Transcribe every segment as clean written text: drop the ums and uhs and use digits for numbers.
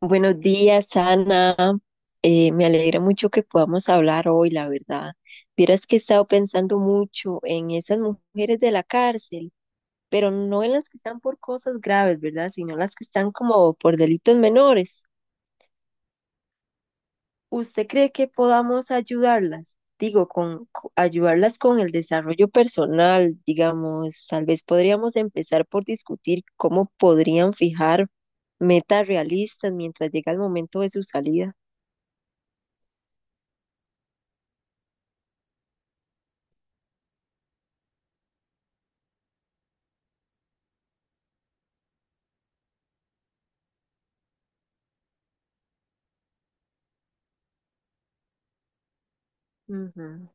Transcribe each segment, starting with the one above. Buenos días, Ana. Me alegra mucho que podamos hablar hoy, la verdad. Vieras que he estado pensando mucho en esas mujeres de la cárcel, pero no en las que están por cosas graves, ¿verdad? Sino las que están como por delitos menores. ¿Usted cree que podamos ayudarlas? Digo, ayudarlas con el desarrollo personal, digamos, tal vez podríamos empezar por discutir cómo podrían fijar metas realistas mientras llega el momento de su salida. Ujú.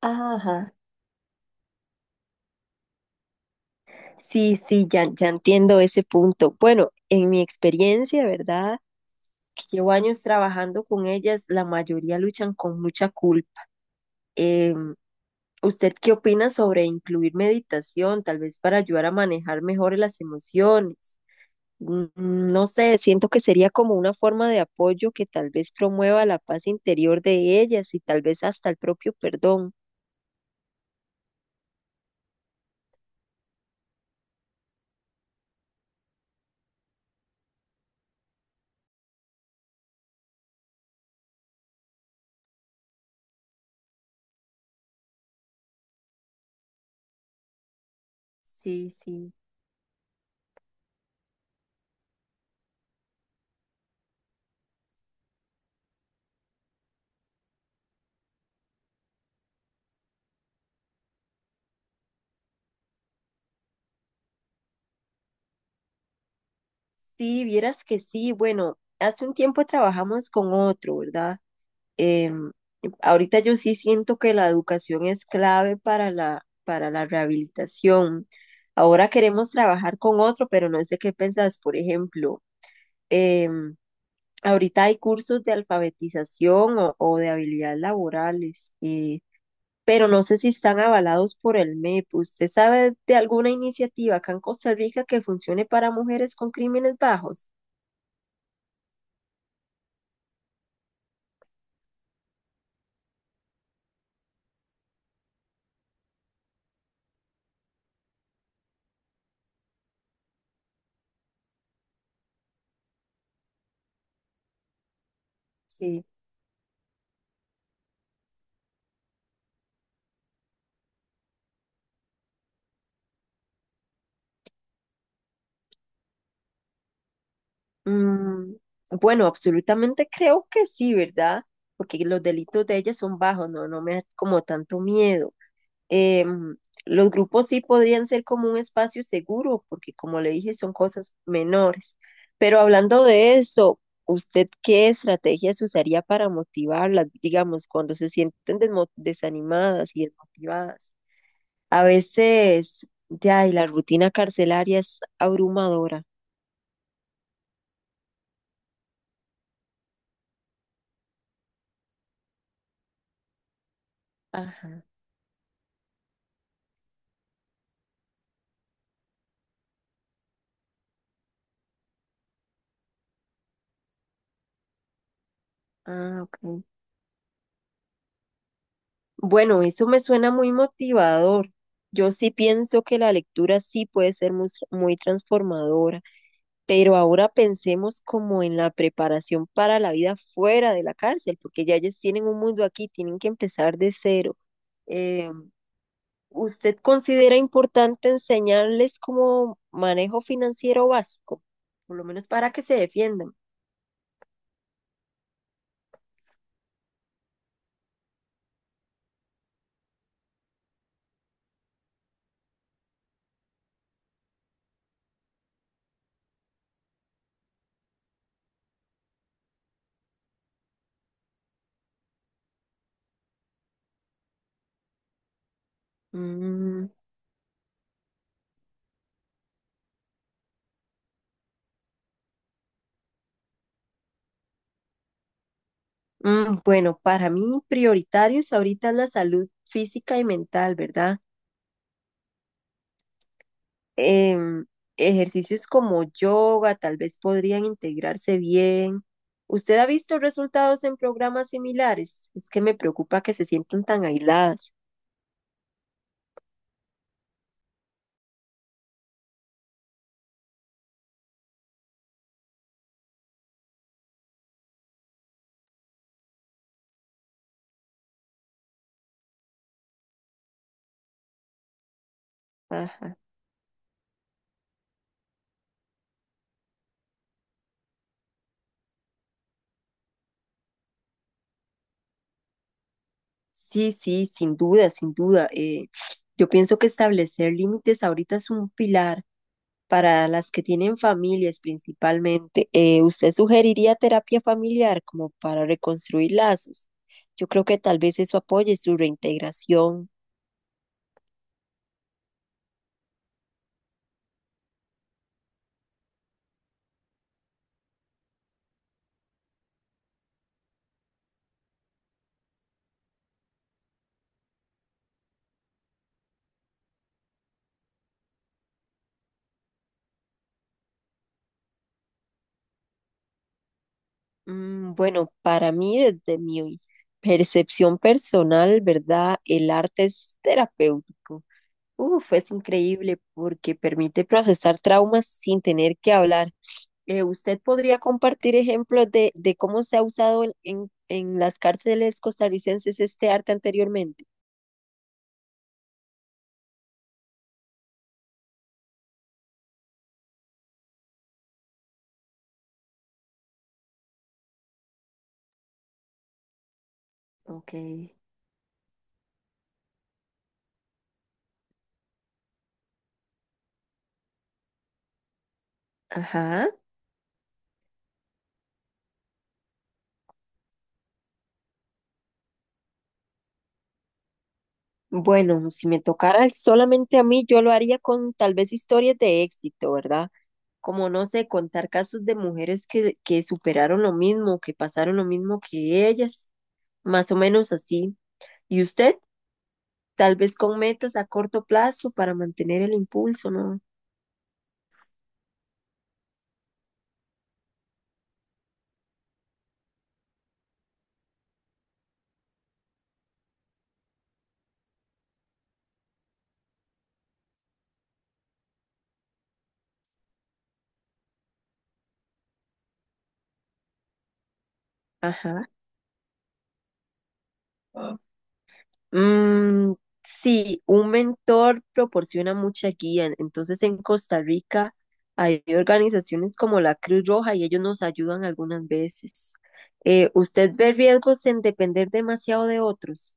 Ah, ajá, sí, sí, ya, ya entiendo ese punto. Bueno, en mi experiencia, ¿verdad? Que llevo años trabajando con ellas, la mayoría luchan con mucha culpa. Em, ¿Usted qué opina sobre incluir meditación, tal vez para ayudar a manejar mejor las emociones? No sé, siento que sería como una forma de apoyo que tal vez promueva la paz interior de ellas y tal vez hasta el propio perdón. Sí, sí. Sí, vieras que sí. Bueno, hace un tiempo trabajamos con otro, ¿verdad? Em, ahorita yo sí siento que la educación es clave para para la rehabilitación. Ahora queremos trabajar con otro, pero no sé qué pensás. Por ejemplo, em, ahorita hay cursos de alfabetización o de habilidades laborales, pero no sé si están avalados por el MEP. ¿Usted sabe de alguna iniciativa acá en Costa Rica que funcione para mujeres con crímenes bajos? Sí. Mm, bueno, absolutamente creo que sí, ¿verdad? Porque los delitos de ella son bajos, no, no me da como tanto miedo. Em, los grupos sí podrían ser como un espacio seguro, porque como le dije, son cosas menores. Pero hablando de eso, ¿usted qué estrategias usaría para motivarlas, digamos, cuando se sienten desanimadas y desmotivadas? A veces, ya, y la rutina carcelaria es abrumadora. Ajá. Ah, ok. Bueno, eso me suena muy motivador. Yo sí pienso que la lectura sí puede ser muy, muy transformadora, pero ahora pensemos como en la preparación para la vida fuera de la cárcel, porque ya ellos tienen un mundo aquí, tienen que empezar de cero. Eh, ¿Usted considera importante enseñarles como manejo financiero básico, por lo menos para que se defiendan? Mm, bueno, para mí prioritarios ahorita es la salud física y mental, ¿verdad? em, ejercicios como yoga tal vez podrían integrarse bien. ¿Usted ha visto resultados en programas similares? Es que me preocupa que se sientan tan aisladas. Ajá. Sí, sí, sin duda, sin duda. Yo pienso que establecer límites ahorita es un pilar para las que tienen familias principalmente. ¿Usted sugeriría terapia familiar como para reconstruir lazos? Yo creo que tal vez eso apoye su reintegración. Mm, bueno, para mí, desde mi percepción personal, ¿verdad? El arte es terapéutico. Uf, es increíble porque permite procesar traumas sin tener que hablar. ¿Usted podría compartir ejemplos de cómo se ha usado en las cárceles costarricenses este arte anteriormente? Ok, ajá. Bueno, si me tocara solamente a mí, yo lo haría con tal vez historias de éxito, ¿verdad? Como no sé, contar casos de mujeres que superaron lo mismo, que pasaron lo mismo que ellas, más o menos así. Y usted, tal vez con metas a corto plazo para mantener el impulso, ¿no? Ajá. Mm, sí, un mentor proporciona mucha guía. Entonces, en Costa Rica hay organizaciones como la Cruz Roja y ellos nos ayudan algunas veces. ¿Usted ve riesgos en depender demasiado de otros?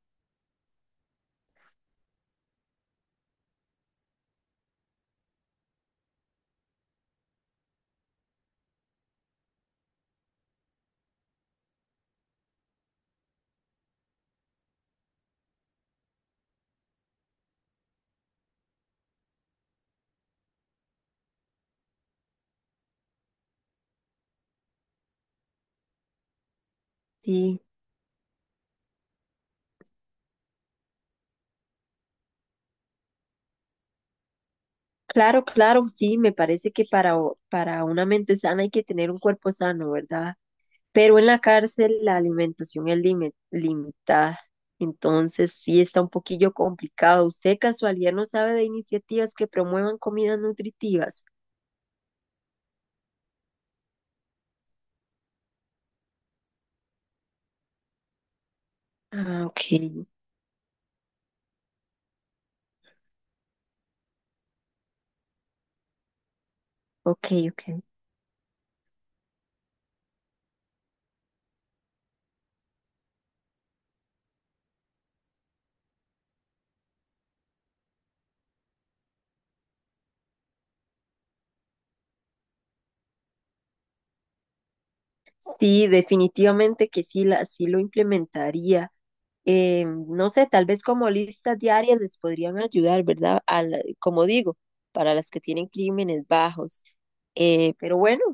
Sí. Claro, claro, sí, me parece que para, para una mente sana hay que tener un cuerpo sano, ¿verdad? Pero en la cárcel la alimentación es limitada, entonces sí está un poquillo complicado. ¿Usted de casualidad no sabe de iniciativas que promuevan comidas nutritivas? Ah, ok, ok, ok. Sí, definitivamente que sí, la, sí lo implementaría. Eh, no sé, tal vez como listas diarias les podrían ayudar, ¿verdad? Como digo, para las que tienen crímenes bajos. Pero bueno,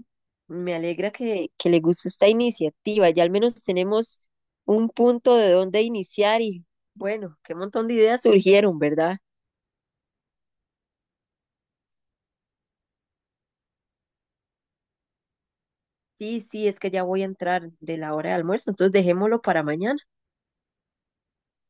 me alegra que le guste esta iniciativa. Ya al menos tenemos un punto de dónde iniciar y bueno, qué montón de ideas surgieron, ¿verdad? Sí, sí, es que ya voy a entrar de la hora de almuerzo, entonces dejémoslo para mañana.